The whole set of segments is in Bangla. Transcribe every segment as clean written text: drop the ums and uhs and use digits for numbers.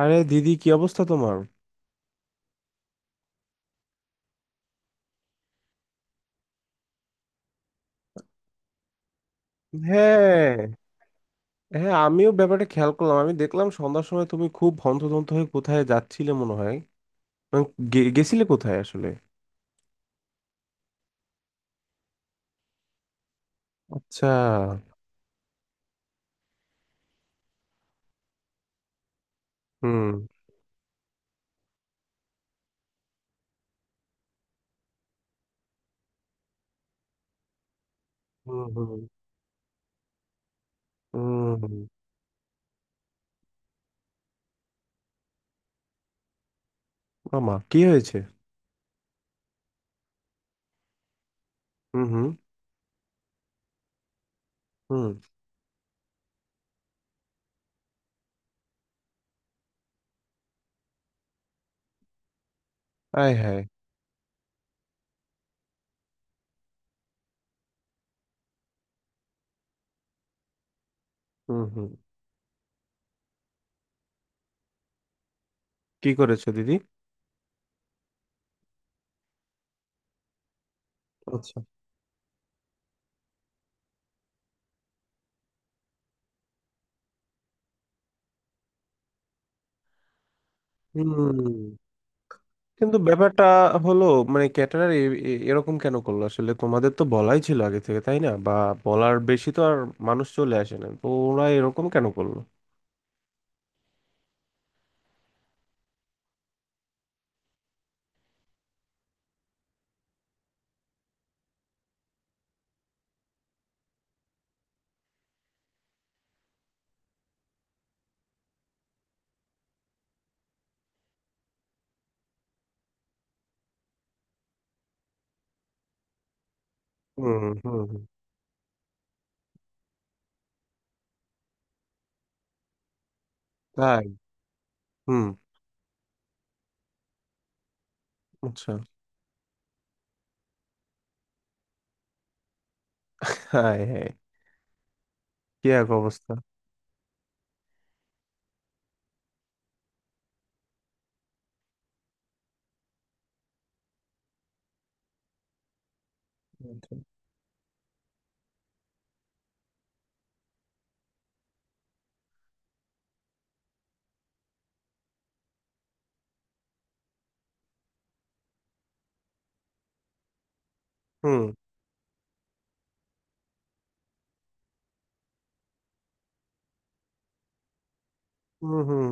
আরে দিদি, কি অবস্থা তোমার? হ্যাঁ। হ্যাঁ, আমিও ব্যাপারটা খেয়াল করলাম। আমি দেখলাম সন্ধ্যার সময় তুমি খুব হন্তদন্ত হয়ে কোথায় যাচ্ছিলে মনে হয়। মানে, গেছিলে কোথায় আসলে? আচ্ছা। হুম। হুম। হুম। হুম। মামা কি হয়েছে? হুম। হুম। হুম। আয় হায়। হুম। হুম। কি করেছো দিদি? আচ্ছা। হুম। কিন্তু ব্যাপারটা হলো মানে, ক্যাটারার এরকম কেন করলো আসলে? তোমাদের তো বলাই ছিল আগে থেকে, তাই না? বা বলার বেশি তো আর মানুষ চলে আসে না, তো ওরা এরকম কেন করলো? হুম হুম। হুম। তাই। হুম। আচ্ছা। হাই হাই, কি এক অবস্থা। আচ্ছা। হুম হুম। হুম।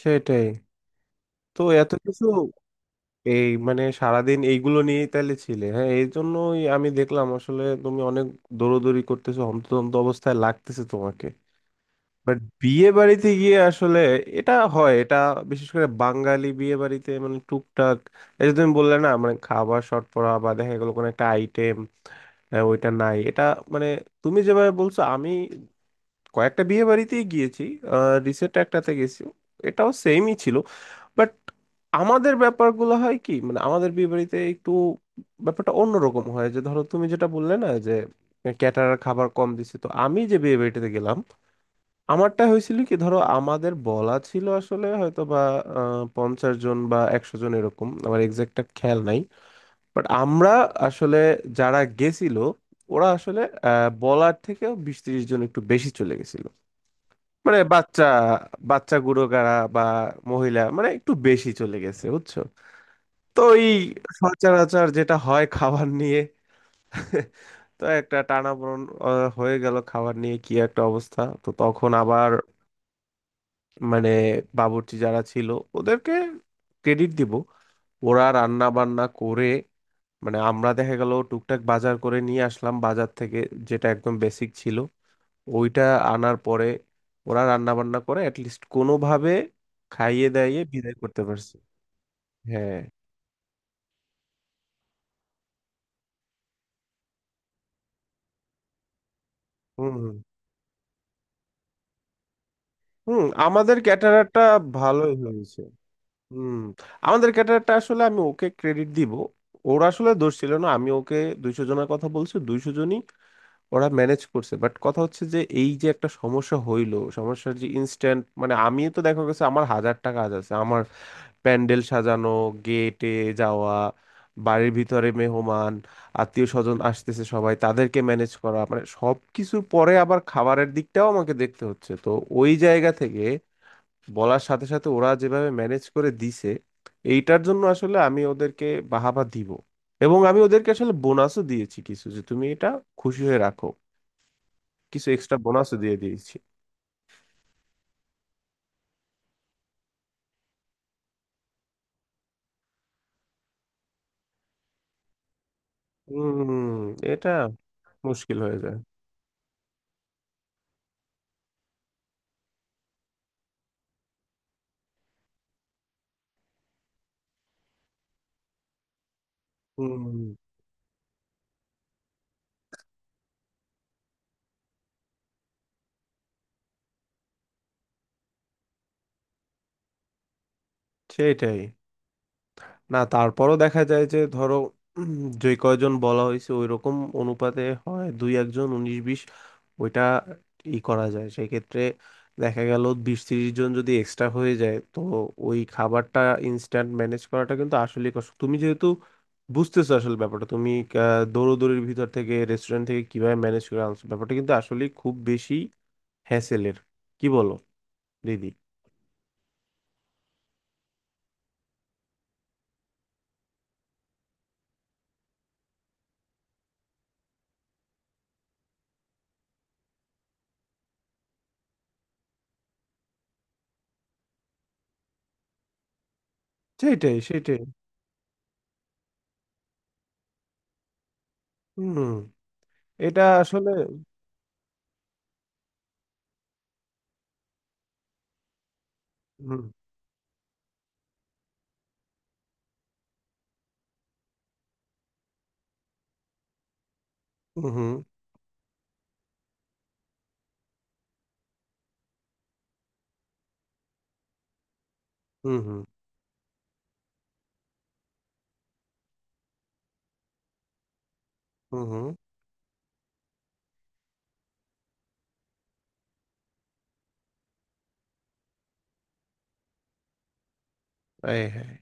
সেটাই। তো এত কিছু! এই, মানে সারাদিন এইগুলো নিয়েই তাহলে ছিলে, হ্যাঁ। এই জন্যই আমি দেখলাম, আসলে তুমি অনেক দৌড়দৌড়ি করতেছো, হন্তদন্ত অবস্থায় লাগতেছে তোমাকে। বাট বিয়ে বাড়িতে গিয়ে আসলে এটা হয়, এটা বিশেষ করে বাঙালি বিয়ে বাড়িতে, মানে টুকটাক। এই যে তুমি বললে না, মানে খাবার শর্ট পড়া বা দেখা গেলো কোনো একটা আইটেম ওইটা নাই, এটা মানে তুমি যেভাবে বলছো, আমি কয়েকটা বিয়ে বাড়িতেই গিয়েছি। রিসেন্ট একটাতে গেছি, এটাও সেমই ছিল। বাট আমাদের ব্যাপারগুলো হয় কি, মানে আমাদের বিয়ে বাড়িতে একটু ব্যাপারটা অন্যরকম হয়। যে ধরো, তুমি যেটা বললে না যে ক্যাটারার খাবার কম দিছে, তো আমি যে বিয়ে বাড়িটাতে গেলাম, আমারটা হয়েছিল কি, ধরো আমাদের বলা ছিল আসলে হয়তো বা 50 জন বা 100 জন এরকম, আমার এক্সাক্টটা খেয়াল নাই। বাট আমরা আসলে, যারা গেছিল, ওরা আসলে বলার থেকেও 20-30 জন একটু বেশি চলে গেছিল। মানে বাচ্চা, বাচ্চা গুড়োকারা বা মহিলা, মানে একটু বেশি চলে গেছে বুঝছো। তো এই সচরাচর যেটা হয় খাবার নিয়ে তো একটা টানাপোড়েন হয়ে গেল খাবার নিয়ে, কি একটা অবস্থা। তো তখন আবার মানে বাবুর্চি যারা ছিল, ওদেরকে ক্রেডিট দিব। ওরা রান্না বান্না করে, মানে আমরা দেখা গেল টুকটাক বাজার করে নিয়ে আসলাম বাজার থেকে, যেটা একদম বেসিক ছিল ওইটা আনার পরে ওরা রান্না বান্না করে অ্যাটলিস্ট কোনোভাবে খাইয়ে দাইয়ে বিদায় করতে পারছে। হ্যাঁ। হুম হুম। হুম, আমাদের ক্যাটারারটা ভালোই হয়েছে। হুম। আমাদের ক্যাটারারটা, আসলে আমি ওকে ক্রেডিট দিব। ওর আসলে দোষ ছিল না, আমি ওকে 200 জনের কথা বলছি, 200 জনই ওরা ম্যানেজ করছে। বাট কথা হচ্ছে যে, এই যে একটা সমস্যা হইলো, সমস্যার যে ইনস্ট্যান্ট, মানে আমি তো দেখা গেছে আমার হাজারটা কাজ আছে। আমার প্যান্ডেল সাজানো, গেটে যাওয়া, বাড়ির ভিতরে মেহমান আত্মীয় স্বজন আসতেছে সবাই, তাদেরকে ম্যানেজ করা, মানে সব কিছুর পরে আবার খাবারের দিকটাও আমাকে দেখতে হচ্ছে। তো ওই জায়গা থেকে বলার সাথে সাথে ওরা যেভাবে ম্যানেজ করে দিছে, এইটার জন্য আসলে আমি ওদেরকে বাহাবা দিব। এবং আমি ওদেরকে আসলে বোনাসও দিয়েছি কিছু, যে তুমি এটা খুশি হয়ে রাখো, কিছু এক্সট্রা বোনাসও দিয়ে দিয়েছি। হুম। এটা মুশকিল হয়ে যায়। হুম। সেটাই। না তারপরও দেখা যায় যে, ধরো উম, যে কয়জন বলা হয়েছে ওই রকম অনুপাতে হয় দুই একজন 19-20, ওইটা ই করা যায় সেক্ষেত্রে। দেখা গেল 20-30 জন যদি এক্সট্রা হয়ে যায়, তো ওই খাবারটা ইনস্ট্যান্ট ম্যানেজ করাটা কিন্তু আসলে কষ্ট। তুমি যেহেতু বুঝতেছো আসলে ব্যাপারটা, তুমি দৌড়োদৌড়ির ভিতর থেকে রেস্টুরেন্ট থেকে কিভাবে ম্যানেজ করে আনছো, ব্যাপারটা কিন্তু আসলে খুব বেশি হ্যাসেলের, কি বলো দিদি? সেটাই সেটাই। হুম। এটা আসলে হুম হুম হুম হুম হুম হুম হুম। এই, হ্যাঁ।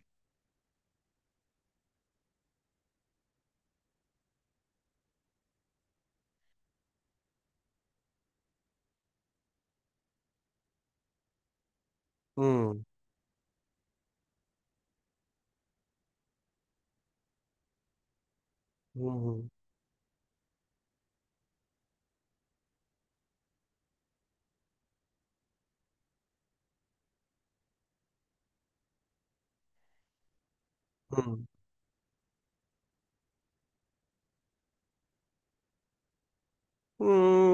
হুম হুম হুম হুম হুম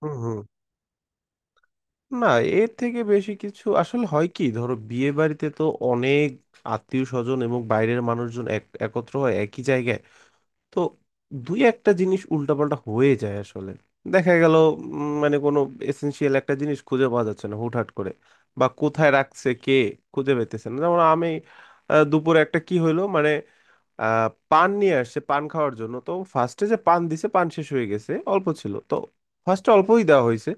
হুম হুম। না, এর থেকে বেশি কিছু আসলে হয় কি, ধরো বিয়ে বাড়িতে তো অনেক আত্মীয় স্বজন এবং বাইরের মানুষজন একত্র হয় একই জায়গায়। তো দুই একটা জিনিস উল্টাপাল্টা হয়ে যায় আসলে, দেখা গেল মানে কোনো এসেনশিয়াল একটা জিনিস খুঁজে পাওয়া যাচ্ছে না হুটহাট করে, বা কোথায় রাখছে কে খুঁজে পেতেছে না। যেমন আমি দুপুরে একটা কি হইলো মানে, পান নিয়ে আসছে পান খাওয়ার জন্য, তো ফার্স্টে যে পান দিছে পান শেষ হয়ে গেছে, অল্প ছিল তো, ফার্স্টে অল্পই দেওয়া হয়েছে।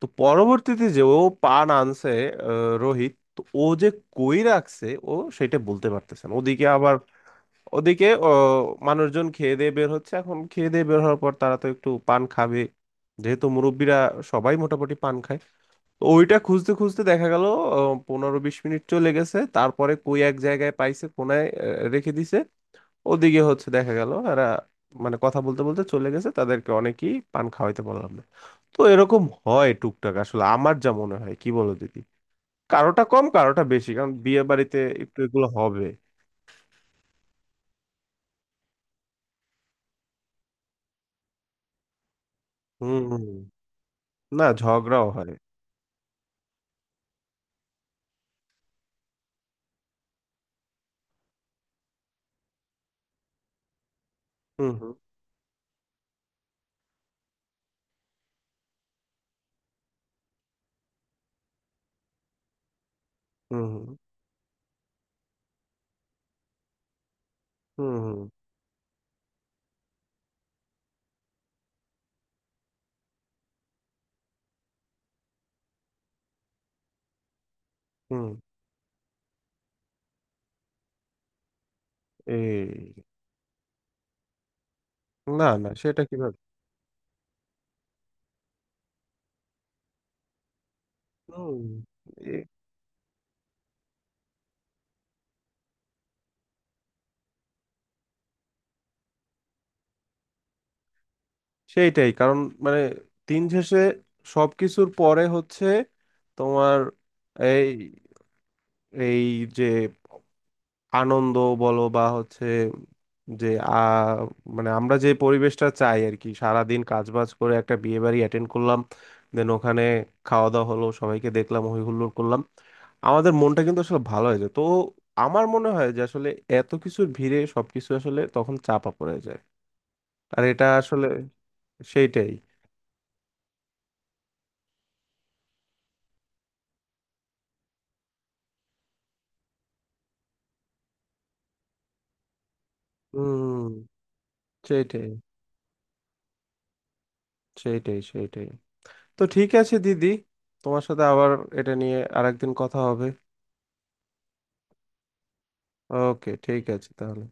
তো পরবর্তীতে যে ও পান আনছে, রোহিত তো ও যে কই রাখছে ও সেটা বলতে পারতেছে না। ওদিকে আবার, ওদিকে ও মানুষজন খেয়ে দিয়ে বের হচ্ছে, এখন খেয়ে দিয়ে বের হওয়ার পর তারা তো একটু পান খাবে, যেহেতু মুরব্বীরা সবাই মোটামুটি পান খায়। তো ওইটা খুঁজতে খুঁজতে দেখা গেল 15-20 মিনিট চলে গেছে, তারপরে কই এক জায়গায় পাইছে কোনায় রেখে দিছে। ওদিকে হচ্ছে দেখা গেল এরা মানে কথা বলতে বলতে চলে গেছে, তাদেরকে অনেকেই পান খাওয়াইতে পারলাম না। তো এরকম হয় টুকটাক আসলে, আমার যা মনে হয় কি বলো দিদি, কারোটা কম কারোটা বেশি, কারণ বিয়ে বাড়িতে একটু এগুলো হবে। হুম হুম। না ঝগড়াও হয়। হুম হুম হুম হুম হুম হুম। এই, না না সেটা কিভাবে! হুম। এ- সেইটাই কারণ মানে, দিন শেষে সবকিছুর পরে হচ্ছে তোমার এই, এই যে আনন্দ বলো বা হচ্ছে, যে মানে আমরা যে পরিবেশটা চাই আর কি। সারাদিন কাজ বাজ করে একটা বিয়ে বাড়ি অ্যাটেন্ড করলাম, দেন ওখানে খাওয়া দাওয়া হলো, সবাইকে দেখলাম, হই হুল্লোড় করলাম, আমাদের মনটা কিন্তু আসলে ভালো হয়ে যায় তো। আমার মনে হয় যে আসলে এত কিছুর ভিড়ে সবকিছু আসলে তখন চাপা পড়ে যায়, আর এটা আসলে সেইটাই। হুম। সেইটাই সেইটাই। সেইটাই। তো ঠিক আছে দিদি, তোমার সাথে আবার এটা নিয়ে আরেকদিন কথা হবে। ওকে, ঠিক আছে তাহলে।